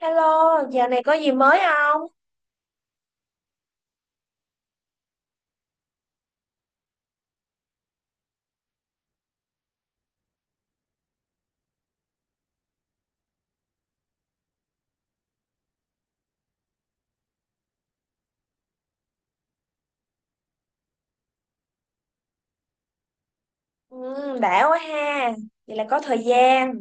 Hello, giờ này có gì mới không? Ừ, đã quá ha, vậy là có thời gian.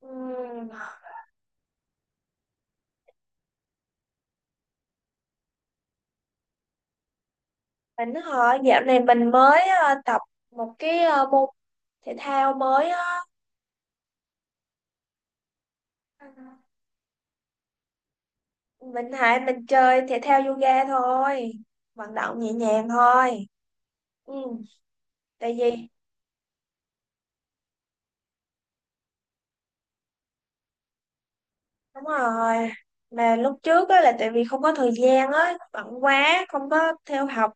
Ừ, mình hỏi dạo này mình mới tập một cái môn thể thao mới á. Mình chơi thể thao yoga thôi, vận động nhẹ nhàng thôi. Ừ, tại vì đúng rồi, mà lúc trước á là tại vì không có thời gian á, bận quá, không có theo học.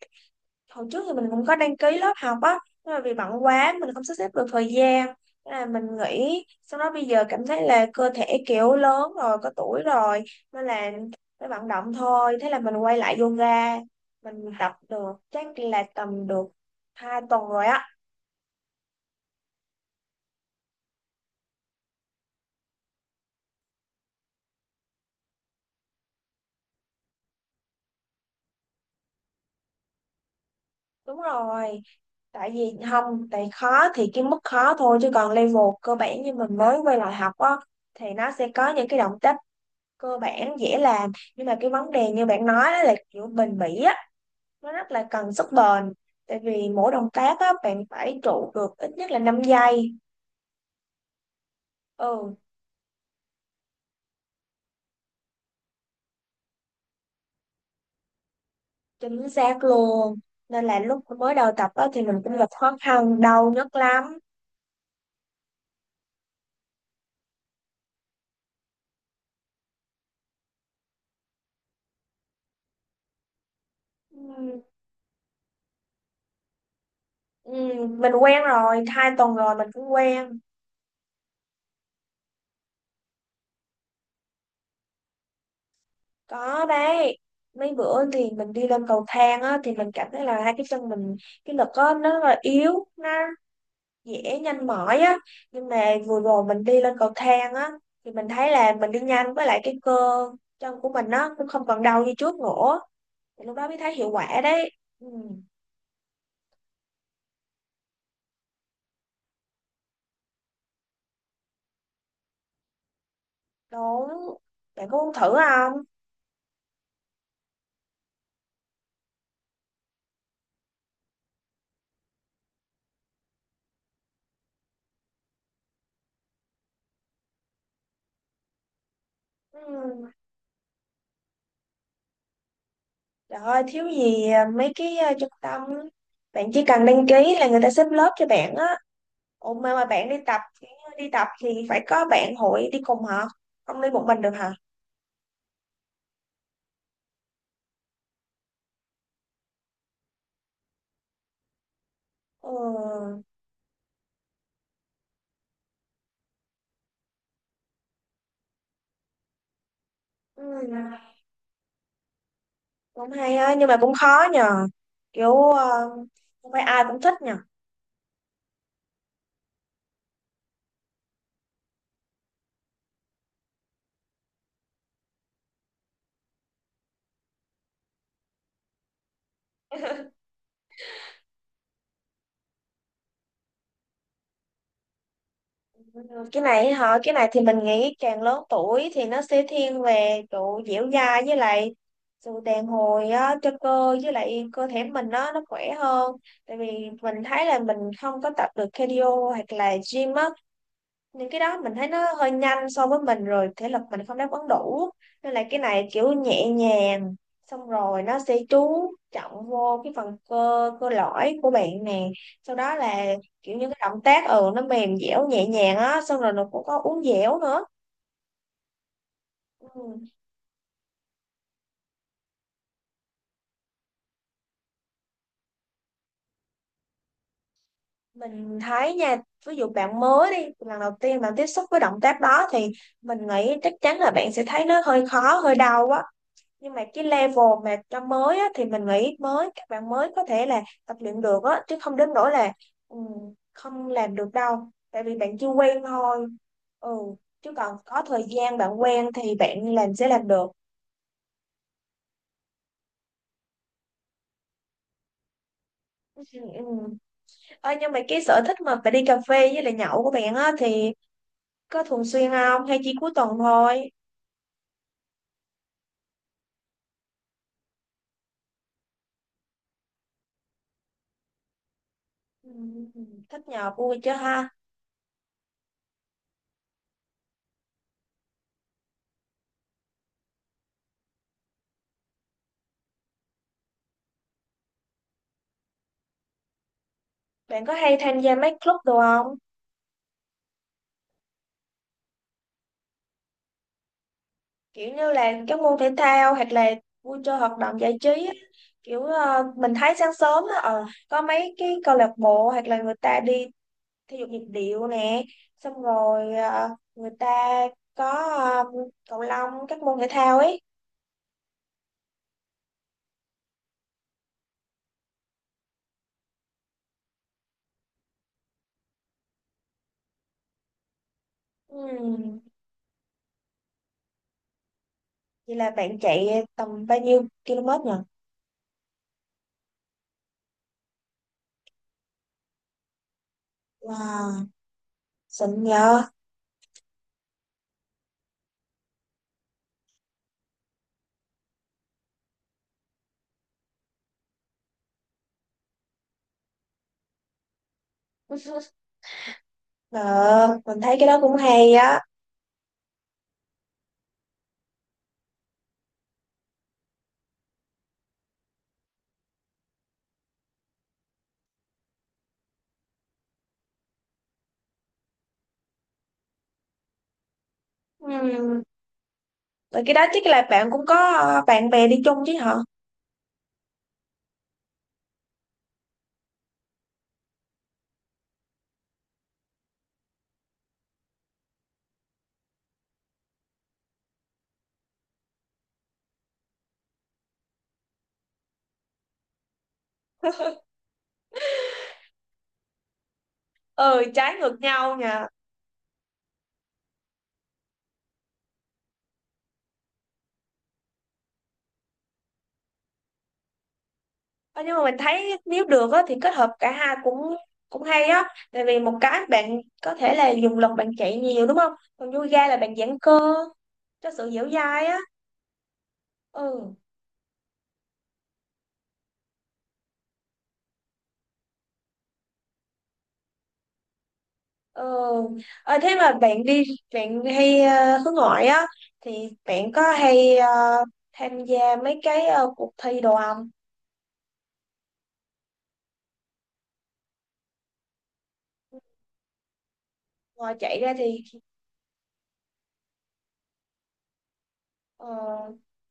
Hồi trước thì mình cũng có đăng ký lớp học á, nhưng mà vì bận quá mình không sắp xếp được thời gian. Thế là mình nghỉ, xong đó bây giờ cảm thấy là cơ thể kiểu lớn rồi, có tuổi rồi nên là phải vận động thôi. Thế là mình quay lại yoga, mình tập được chắc là tầm được 2 tuần rồi á. Đúng rồi, tại vì không, tại khó thì cái mức khó thôi, chứ còn level cơ bản như mình mới quay lại học á thì nó sẽ có những cái động tác cơ bản dễ làm. Nhưng mà cái vấn đề như bạn nói đó là kiểu bền bỉ á, nó rất là cần sức bền. Tại vì mỗi động tác á bạn phải trụ được ít nhất là 5 giây. Ừ, chính xác luôn. Nên là lúc mới đầu tập á thì mình cũng gặp khó khăn, đau nhất lắm. Ừ, ừ, mình quen rồi, 2 tuần rồi mình cũng quen. Có đấy, mấy bữa thì mình đi lên cầu thang á thì mình cảm thấy là hai cái chân mình, cái lực á nó rất là yếu, nó dễ nhanh mỏi á. Nhưng mà vừa rồi mình đi lên cầu thang á thì mình thấy là mình đi nhanh, với lại cái cơ chân của mình nó cũng không còn đau như trước nữa, thì lúc đó mới thấy hiệu quả đấy. Ừ, đúng. Bạn có muốn thử không? Ừ. Trời ơi, thiếu gì mấy cái trung tâm, bạn chỉ cần đăng ký là người ta xếp lớp cho bạn á. Ủa mà bạn đi tập thì phải có bạn hội đi cùng hả? Không đi một mình được hả? Ừ. Ừ. Cũng hay á, nhưng mà cũng khó nhờ. Kiểu không phải ai cũng thích nhờ. Cái này hả? Cái này thì mình nghĩ càng lớn tuổi thì nó sẽ thiên về kiểu dẻo dai với lại sự đàn hồi á cho cơ, với lại cơ thể mình nó khỏe hơn. Tại vì mình thấy là mình không có tập được cardio hoặc là gym á, những cái đó mình thấy nó hơi nhanh so với mình, rồi thể lực mình không đáp ứng đủ. Nên là cái này kiểu nhẹ nhàng, xong rồi nó sẽ chú trọng vô cái phần cơ cơ lõi của bạn nè. Sau đó là kiểu như cái động tác, ừ, nó mềm dẻo nhẹ nhàng á, xong rồi nó cũng có uốn dẻo nữa. Ừ. Mình thấy nha, ví dụ bạn mới đi lần đầu tiên bạn tiếp xúc với động tác đó thì mình nghĩ chắc chắn là bạn sẽ thấy nó hơi khó, hơi đau quá. Nhưng mà cái level mà cho mới á, thì mình nghĩ mới các bạn mới có thể là tập luyện được á, chứ không đến nỗi là, ừ, không làm được đâu. Tại vì bạn chưa quen thôi. Ừ, chứ còn có thời gian bạn quen thì bạn làm sẽ làm được. Ừ. Ừ. Ơ, nhưng mà cái sở thích mà phải đi cà phê với lại nhậu của bạn á thì có thường xuyên không hay chỉ cuối tuần thôi? Ừ. Thích nhậu vui chứ ha? Bạn có hay tham gia mấy club đồ không? Kiểu như là các môn thể thao hoặc là vui chơi hoạt động giải trí á. Kiểu mình thấy sáng sớm á, có mấy cái câu lạc bộ hoặc là người ta đi thể dục nhịp điệu nè. Xong rồi người ta có ờ, cầu lông, các môn thể thao ấy. Ừm, vậy là bạn chạy tầm bao nhiêu km nhỉ? Wow, xịn nhờ. Ờ, mình thấy cái đó cũng hay á. Ừm. Rồi cái đó chắc là bạn cũng có bạn bè đi chung chứ hả? Ừ, trái ngược nhau nhỉ. Ờ, nhưng mà mình thấy nếu được á, thì kết hợp cả hai cũng cũng hay á. Tại vì một cái bạn có thể là dùng lực, bạn chạy nhiều đúng không, còn yoga là bạn giãn cơ cho sự dẻo dai á. Ừ. Ừ. Ờ, thế mà bạn hay hướng ngoại á, thì bạn có hay tham gia mấy cái cuộc thi đồ không? Ngoài chạy ra thì ờ,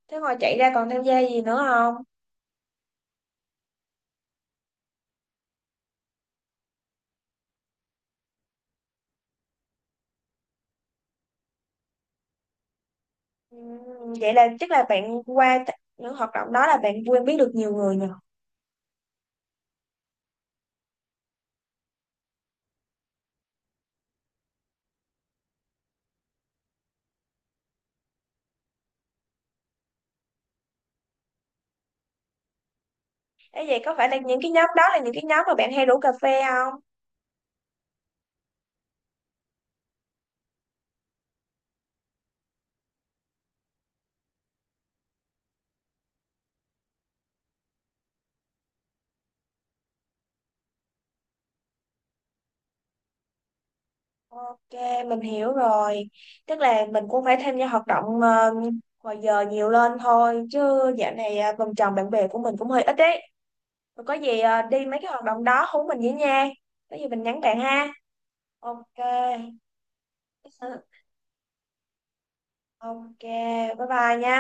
Thế ngoài chạy ra còn tham gia gì nữa không? Ừ, vậy là chắc là bạn qua những hoạt động đó là bạn quen biết được nhiều người nhỉ? Ê, vậy có phải là những cái nhóm đó là những cái nhóm mà bạn hay rủ cà phê không? Ok, mình hiểu rồi. Tức là mình cũng phải tham gia hoạt động ngoài giờ nhiều lên thôi. Chứ dạo này vòng tròn bạn bè của mình cũng hơi ít đấy. Rồi có gì đi mấy cái hoạt động đó hú mình với nha. Có gì mình nhắn bạn ha. Ok. Ok, bye bye nha.